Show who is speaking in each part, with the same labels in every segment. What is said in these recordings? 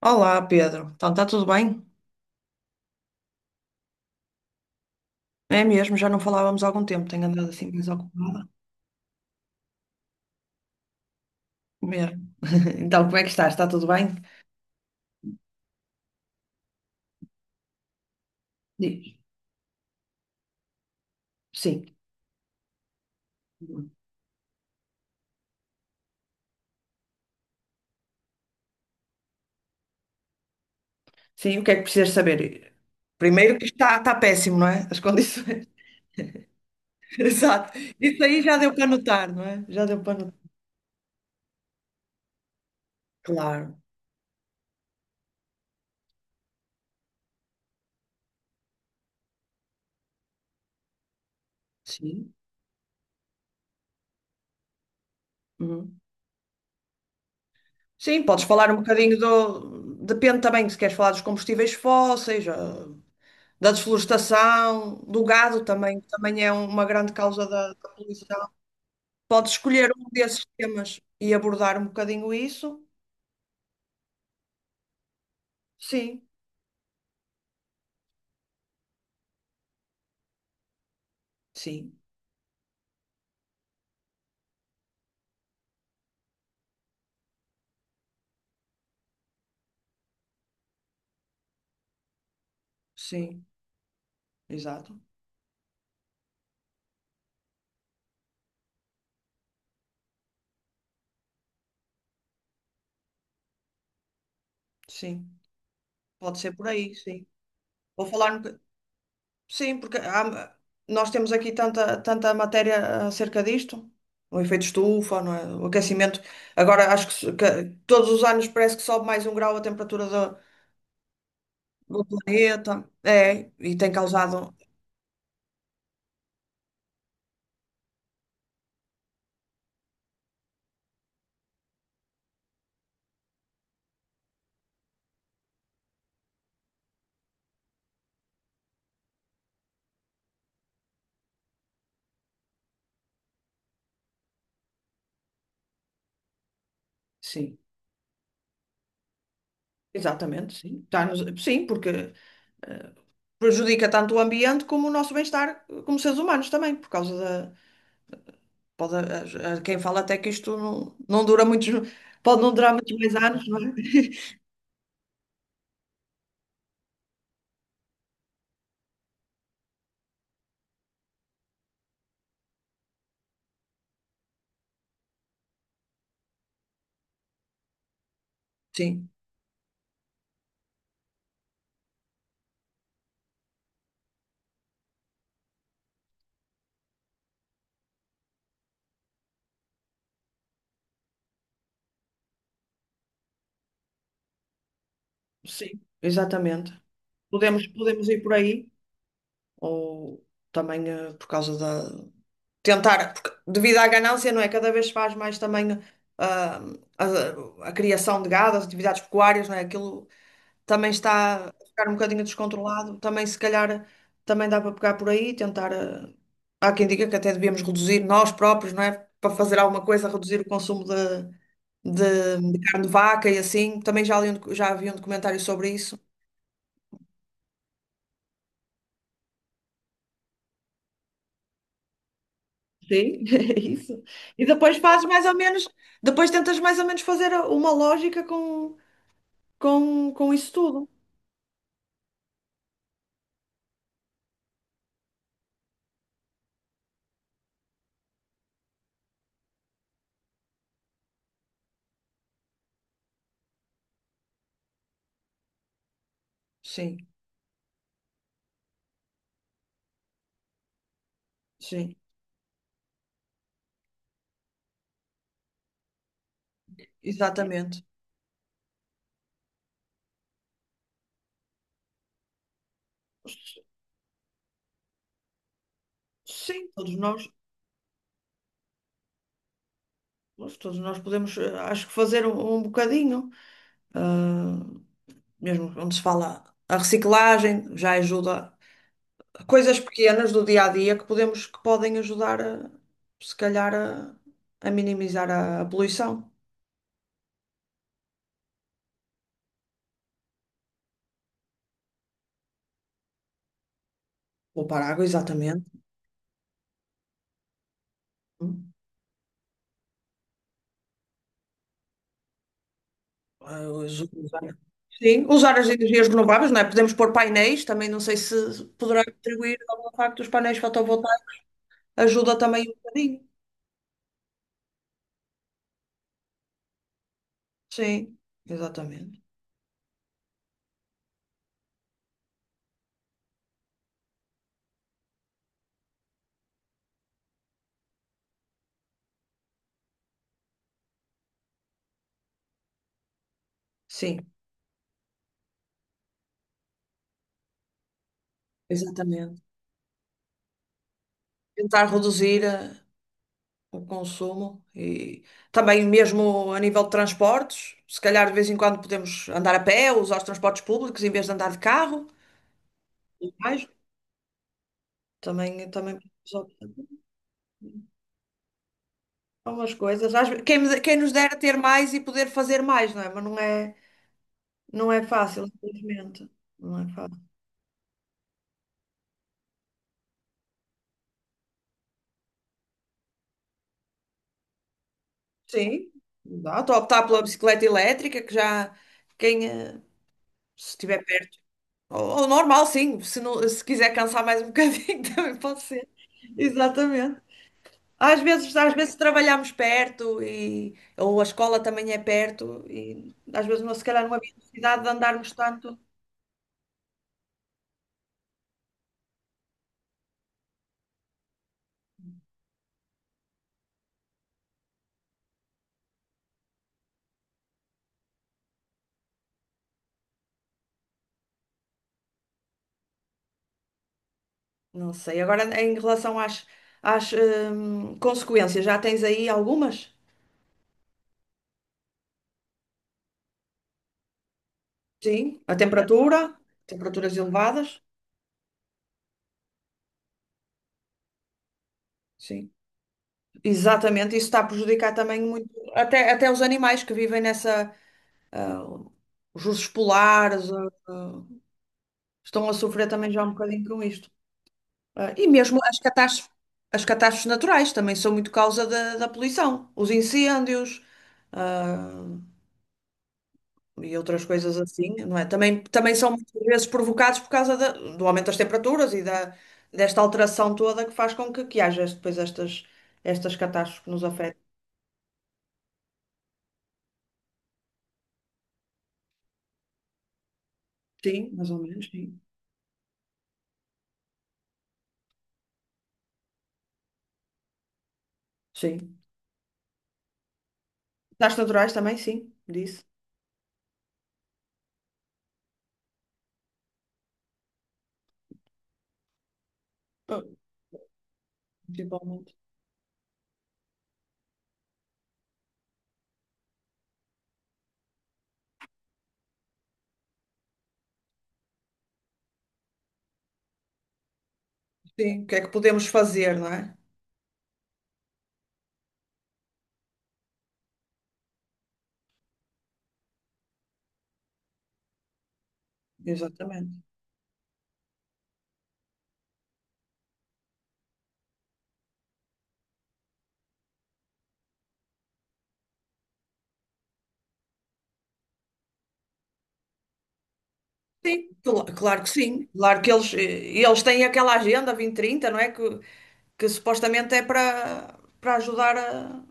Speaker 1: Olá, Pedro. Então, está tudo bem? É mesmo, já não falávamos há algum tempo, tenho andado assim mais ocupada. Mesmo. Então, como é que estás? Está tudo bem? Diz. Sim. Sim, o que é que precisas saber? Primeiro que está péssimo, não é? As condições. Exato. Isso aí já deu para notar, não é? Já deu para notar. Claro. Sim. Uhum. Sim, podes falar um bocadinho do. Depende também se queres falar dos combustíveis fósseis, da desflorestação, do gado também, que também é uma grande causa da poluição. Pode escolher um desses temas e abordar um bocadinho isso? Sim, sim, sim, exato. Sim, pode ser por aí, sim. Vou falar um boca- Sim, nós temos aqui tanta matéria acerca disto, o efeito estufa, não é? O aquecimento. Agora acho que, que todos os anos parece que sobe mais um grau a temperatura do, do planeta. É, e tem causado. Sim, exatamente, sim. Sim, porque. eh, Prejudica tanto o ambiente como o nosso bem-estar como seres humanos também, por causa da. Quem fala até que isto não dura muitos. Pode não durar muitos mais anos, não é? Sim, sim, exatamente. Podemos ir por aí, ou também por causa da. Tentar, porque devido à ganância, não é? Cada vez se faz mais também ah, a criação de gado, as atividades pecuárias, não é? Aquilo também está a ficar um bocadinho descontrolado. Também, se calhar, também dá para pegar por aí e tentar. Há quem diga que até devíamos reduzir nós próprios, não é? Para fazer alguma coisa, reduzir o consumo de, de carne de vaca e assim. Também já li um já havia um documentário sobre isso. Sim, é isso. E depois fazes mais ou menos, depois tentas mais ou menos fazer uma lógica com isso tudo. Sim, sim, exatamente. Sim, todos nós, todos nós podemos, acho que fazer um bocadinho. ah, Mesmo onde se fala a reciclagem, já ajuda coisas pequenas do dia a dia que podemos, que podem ajudar a, se calhar a minimizar a poluição. Poupar água, exatamente. Hum. Ah, usar. Sim, usar as energias renováveis, não é? Podemos pôr painéis, também não sei se poderá contribuir ao facto dos painéis fotovoltaicos, ajuda também um bocadinho. Sim, exatamente. Sim, exatamente. Tentar reduzir a o consumo e também mesmo a nível de transportes, se calhar de vez em quando podemos andar a pé usar os transportes públicos em vez de andar de carro e mais. Também, também podemos optar por umas coisas. Às ve- Quem, me- de- Quem nos dera ter mais e poder fazer mais, não é? Não é fácil, infelizmente. Não é fácil. Sim, dá. Optar pela bicicleta elétrica, que já quem se estiver perto. Ou normal, sim. Se quiser cansar mais um bocadinho, também pode ser. Exatamente. Às vezes trabalhamos perto e, ou a escola também é perto e às vezes não, se calhar não havia necessidade de andarmos tanto. Não sei. Agora, em relação às, às consequências, já tens aí algumas? Sim. A temperatura, temperaturas elevadas. Sim. Exatamente. Isso está a prejudicar também muito, até os animais que vivem nessa, ah, os ursos polares, estão a sofrer também já um bocadinho com isto. Ah, e mesmo as catástrofes naturais também são muito causa da poluição, os incêndios, ah, e outras coisas assim, não é? Também, também são muitas vezes provocados por causa do aumento das temperaturas e da, desta alteração toda que faz com que haja depois estas, estas catástrofes que nos afetam. Sim, mais ou menos, sim. Sim. Catástrofes naturais também, sim, disse. Ah, principalmente. Sim, o que é que podemos fazer, não é? Exatamente. Sim, claro que sim. Claro que eles, eles têm aquela agenda 2030 não é? Que supostamente é para ajudar a,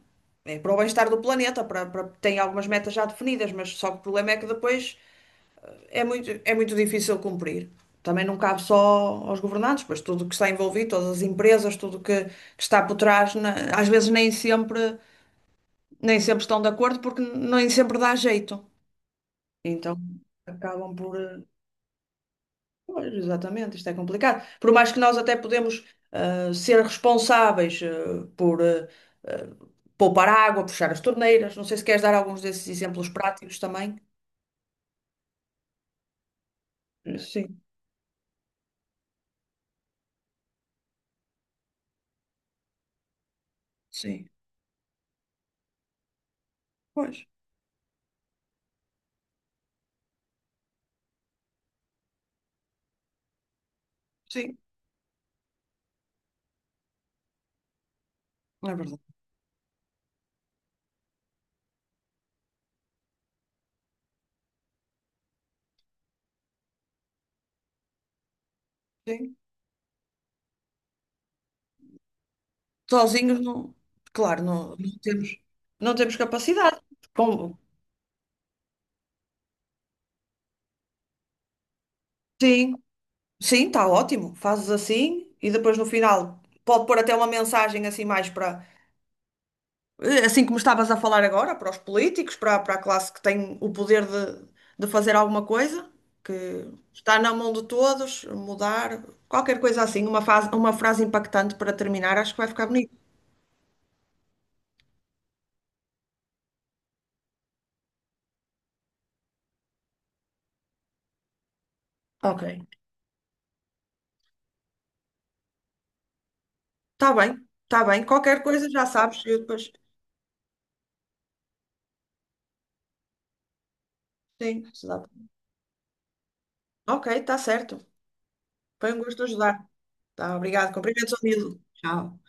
Speaker 1: é para o bem-estar do planeta, tem algumas metas já definidas, mas só que o problema é que depois é muito difícil cumprir. Também não cabe só aos governantes, pois tudo que está envolvido, todas as empresas, tudo que está por trás, às vezes nem sempre, nem sempre estão de acordo porque nem sempre dá jeito. Então acabam por. Pois, exatamente, isto é complicado. Por mais que nós até podemos ser responsáveis ah, poupar água, puxar as torneiras. Não sei se queres dar alguns desses exemplos práticos também. Sim, sim. Pois, sim, é verdade. Sim. Sozinhos não, claro, não temos, não temos capacidade. Com- sim, sim, está ótimo. Fazes assim e depois no final pode pôr até uma mensagem assim mais para assim como estavas a falar agora, para os políticos, para a classe que tem o poder de fazer alguma coisa, que está na mão de todos, mudar, qualquer coisa assim, uma fase, uma frase impactante para terminar, acho que vai ficar bonito. Ok. Está bem, está bem. Qualquer coisa já sabes, eu depois. Sim, se dá. Ok, está certo. Foi um gosto ajudar. Tá, obrigado. Cumprimentos ao Nilo. Tchau.